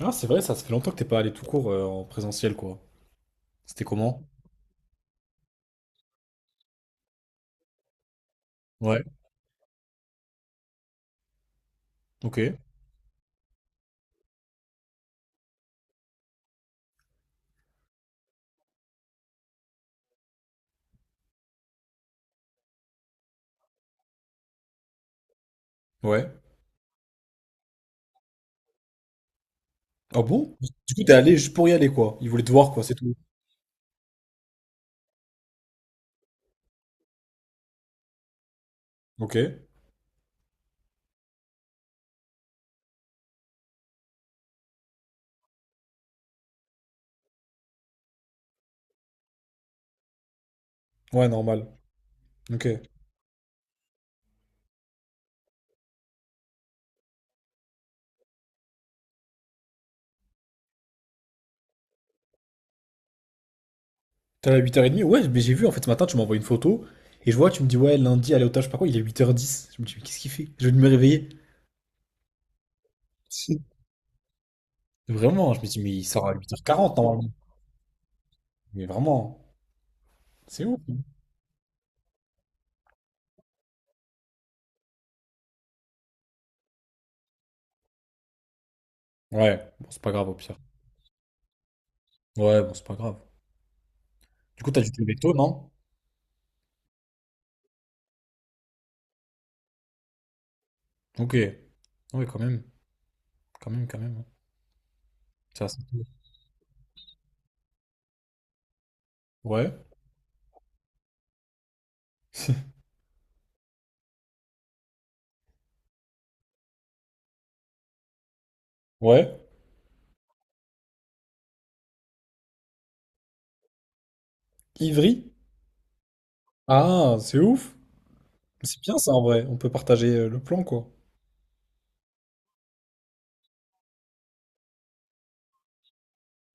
Ah, c'est vrai, ça fait longtemps que t'es pas allé tout court en présentiel, quoi. C'était comment? Ouais. Ok. Ouais. Ah bon? Du coup, t'es allé juste pour y aller, quoi. Ils voulaient te voir, quoi, c'est tout. Ok. Ouais, normal. Ok. T'es allé à 8h30? Ouais, mais j'ai vu, en fait, ce matin, tu m'envoies une photo, et je vois, tu me dis, ouais, lundi, aller au taf, je sais pas quoi, il est 8h10. Je me dis, mais qu'est-ce qu'il fait? Je vais me réveiller. Si. Vraiment, je me dis, mais il sort à 8h40 normalement. Mais vraiment, c'est ouf. Ouais, bon, c'est pas grave, au pire. Ouais, bon, c'est pas grave. Du coup, t'as dû te lever tôt, non? Ok. Ouais, quand même. Quand même, quand même. Ouais. Ça, c'est- Ouais. Ouais. Ivry? Ah, c'est ouf. C'est bien ça en vrai. On peut partager le plan, quoi.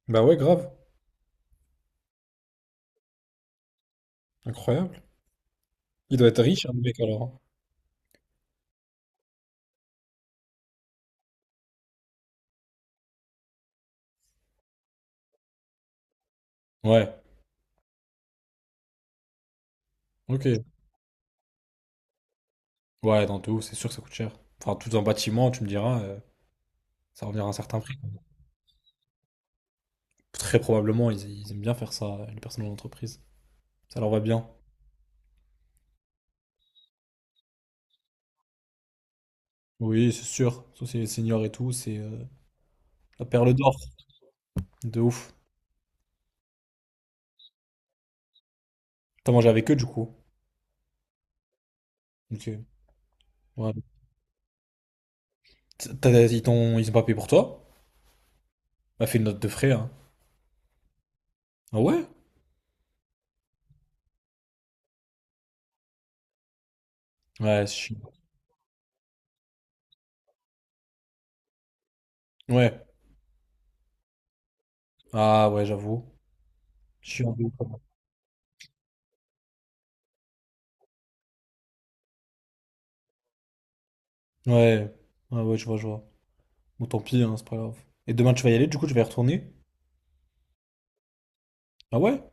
Bah ouais, grave. Incroyable. Il doit être riche, hein, le mec, alors. Ouais. Ok. Ouais, dans tout, c'est sûr que ça coûte cher. Enfin, tout un bâtiment, tu me diras, ça revient à un certain prix. Très probablement, ils aiment bien faire ça, les personnes de l'entreprise. Ça leur va bien. Oui, c'est sûr. Ça, c'est les seniors et tout, c'est la perle d'or. De ouf. T'as mangé avec eux, du coup. Ok. Ouais. Ils ont pas payé pour toi? Bah, fais une note de frais, hein. Ah ouais? Ouais, c'est chiant. Ouais. Ah ouais, j'avoue. Chiant de ouf, quand même. Ouais. Ouais, ouais, je vois, je vois. Bon, tant pis, hein, c'est pas grave. Et demain, tu vas y aller, du coup, tu vas y retourner? Ah ouais?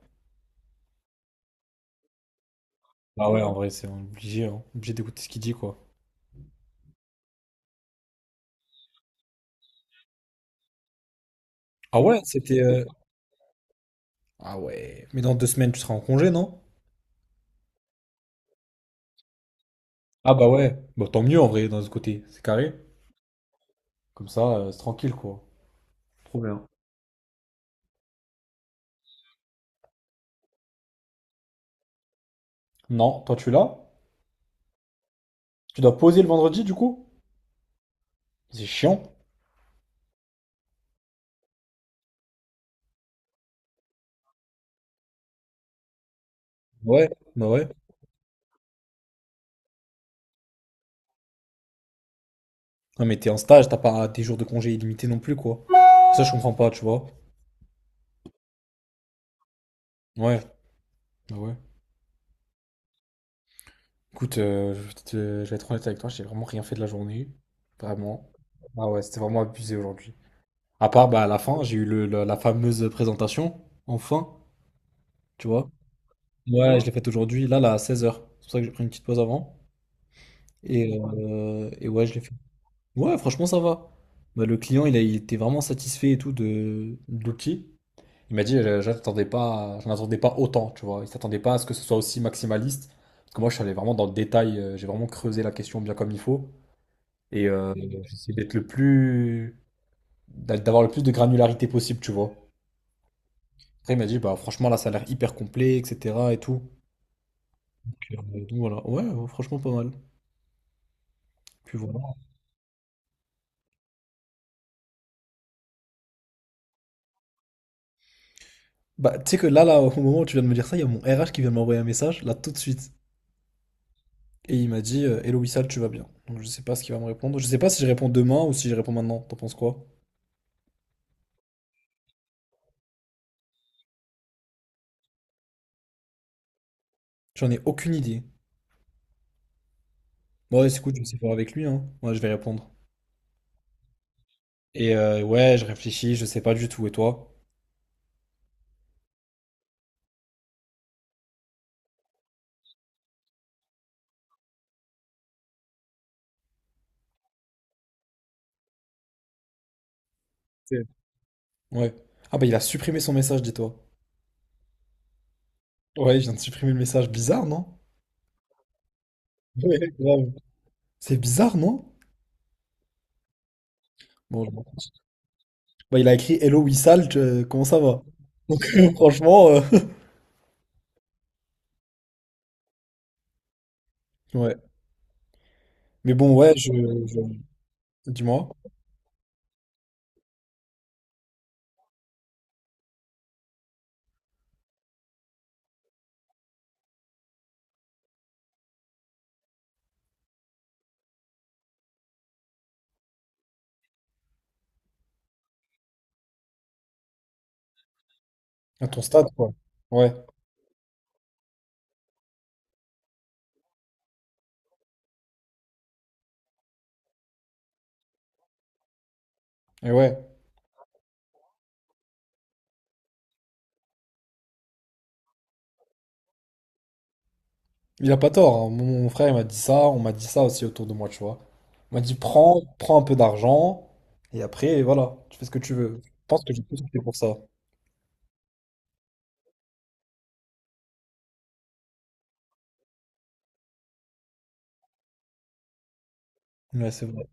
Ah ouais, en vrai, c'est obligé, hein. Obligé d'écouter ce qu'il dit, quoi. Ah ouais, c'était Ah ouais. Mais dans 2 semaines, tu seras en congé, non? Ah bah ouais. Bah tant mieux, en vrai, d'un autre côté. C'est carré. Comme ça, c'est tranquille, quoi. Trop bien. Non, toi, tu es là? Tu dois poser le vendredi, du coup? C'est chiant. Ouais. Bah ouais. Non, mais t'es en stage, t'as pas des jours de congé illimités non plus, quoi. Ça, je comprends pas, tu vois. Ouais, bah ouais. Écoute, je vais être honnête avec toi, j'ai vraiment rien fait de la journée. Vraiment. Ah ouais, c'était vraiment abusé aujourd'hui. À part, bah, à la fin, j'ai eu la fameuse présentation, enfin, tu vois. Ouais, je l'ai faite aujourd'hui, là, là, à 16h. C'est pour ça que j'ai pris une petite pause avant. Et ouais, je l'ai fait. Ouais, franchement, ça va. Bah, le client, il était vraiment satisfait et tout de l'outil. Il m'a dit, j'en attendais pas autant, tu vois. Il s'attendait pas à ce que ce soit aussi maximaliste. Parce que moi, je suis allé vraiment dans le détail, j'ai vraiment creusé la question bien comme il faut. J'ai essayé d'être le plus, d'avoir le plus de granularité possible, tu vois. Après, il m'a dit, bah franchement, là, ça a l'air hyper complet, etc. et tout. Donc voilà, ouais, ouais, franchement, pas mal. Puis voilà. Bah, tu sais que là, là, au moment où tu viens de me dire ça, il y a mon RH qui vient de m'envoyer un message, là, tout de suite. Et il m'a dit, Hello Wissal, tu vas bien. Donc, je sais pas ce qu'il va me répondre. Je sais pas si je réponds demain ou si je réponds maintenant. T'en penses quoi? J'en ai aucune idée. Bon, ouais, c'est cool, je vais essayer de voir avec lui, hein. Moi, je vais répondre. Ouais, je réfléchis, je sais pas du tout. Et toi? C'est- Ouais. Ah bah, il a supprimé son message, dis-toi. Ouais, il vient de supprimer le message. Bizarre, non? Ouais, grave. C'est bizarre, non? Bon, je m'en fiche. Bah, il a écrit Hello Wissal, comment ça va? Donc, franchement, ouais. Mais bon, ouais, je- Dis-moi. À ton stade, quoi. Ouais. Et ouais. Il a pas tort, hein. Mon frère il m'a dit ça, on m'a dit ça aussi autour de moi, tu vois. On m'a dit prends, prends un peu d'argent, et après, voilà, tu fais ce que tu veux. Je pense que j'ai plus opté pour ça. Ouais, c'est vrai.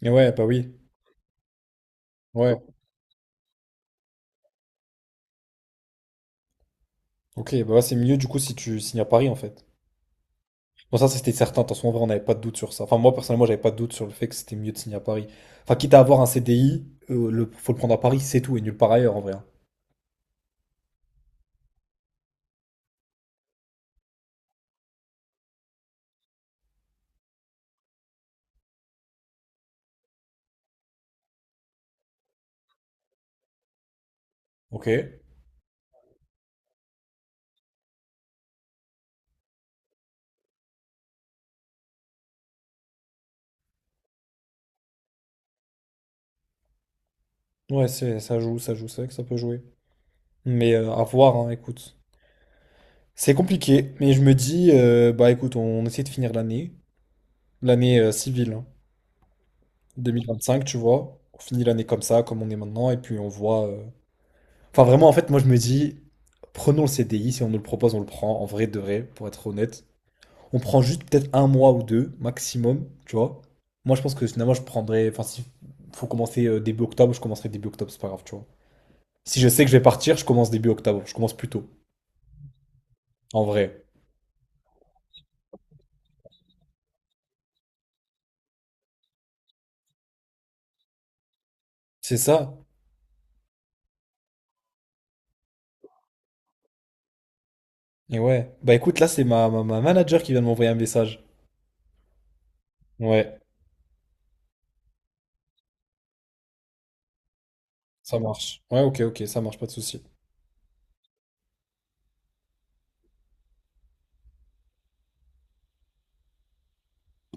Et ouais, bah oui. Ouais. Ok, bah ouais, c'est mieux du coup si tu signes à Paris en fait. Bon, ça, c'était certain, de toute en vrai, on n'avait pas de doute sur ça. Enfin, moi personnellement, j'avais pas de doute sur le fait que c'était mieux de signer à Paris. Enfin, quitte à avoir un C CDI, faut le prendre à Paris, c'est tout, et nulle part ailleurs en vrai, hein. Ok. Ouais, ça joue, c'est vrai que ça peut jouer. Mais à voir, hein, écoute. C'est compliqué, mais je me dis, bah écoute, on essaie de finir l'année civile, hein, 2025, tu vois. On finit l'année comme ça, comme on est maintenant, et puis on voit. Enfin, vraiment, en fait, moi je me dis, prenons le CDI, si on nous le propose, on le prend, en vrai de vrai, pour être honnête. On prend juste peut-être un mois ou deux, maximum, tu vois. Moi je pense que finalement, je prendrais. Enfin, si faut commencer début octobre, je commencerai début octobre, c'est pas grave, tu vois. Si je sais que je vais partir, je commence début octobre, je commence plus tôt, en vrai. C'est ça. Et ouais. Bah écoute, là, c'est ma manager qui vient de m'envoyer un message. Ouais, ça marche. Ouais, ok, ok, ça marche, pas de souci.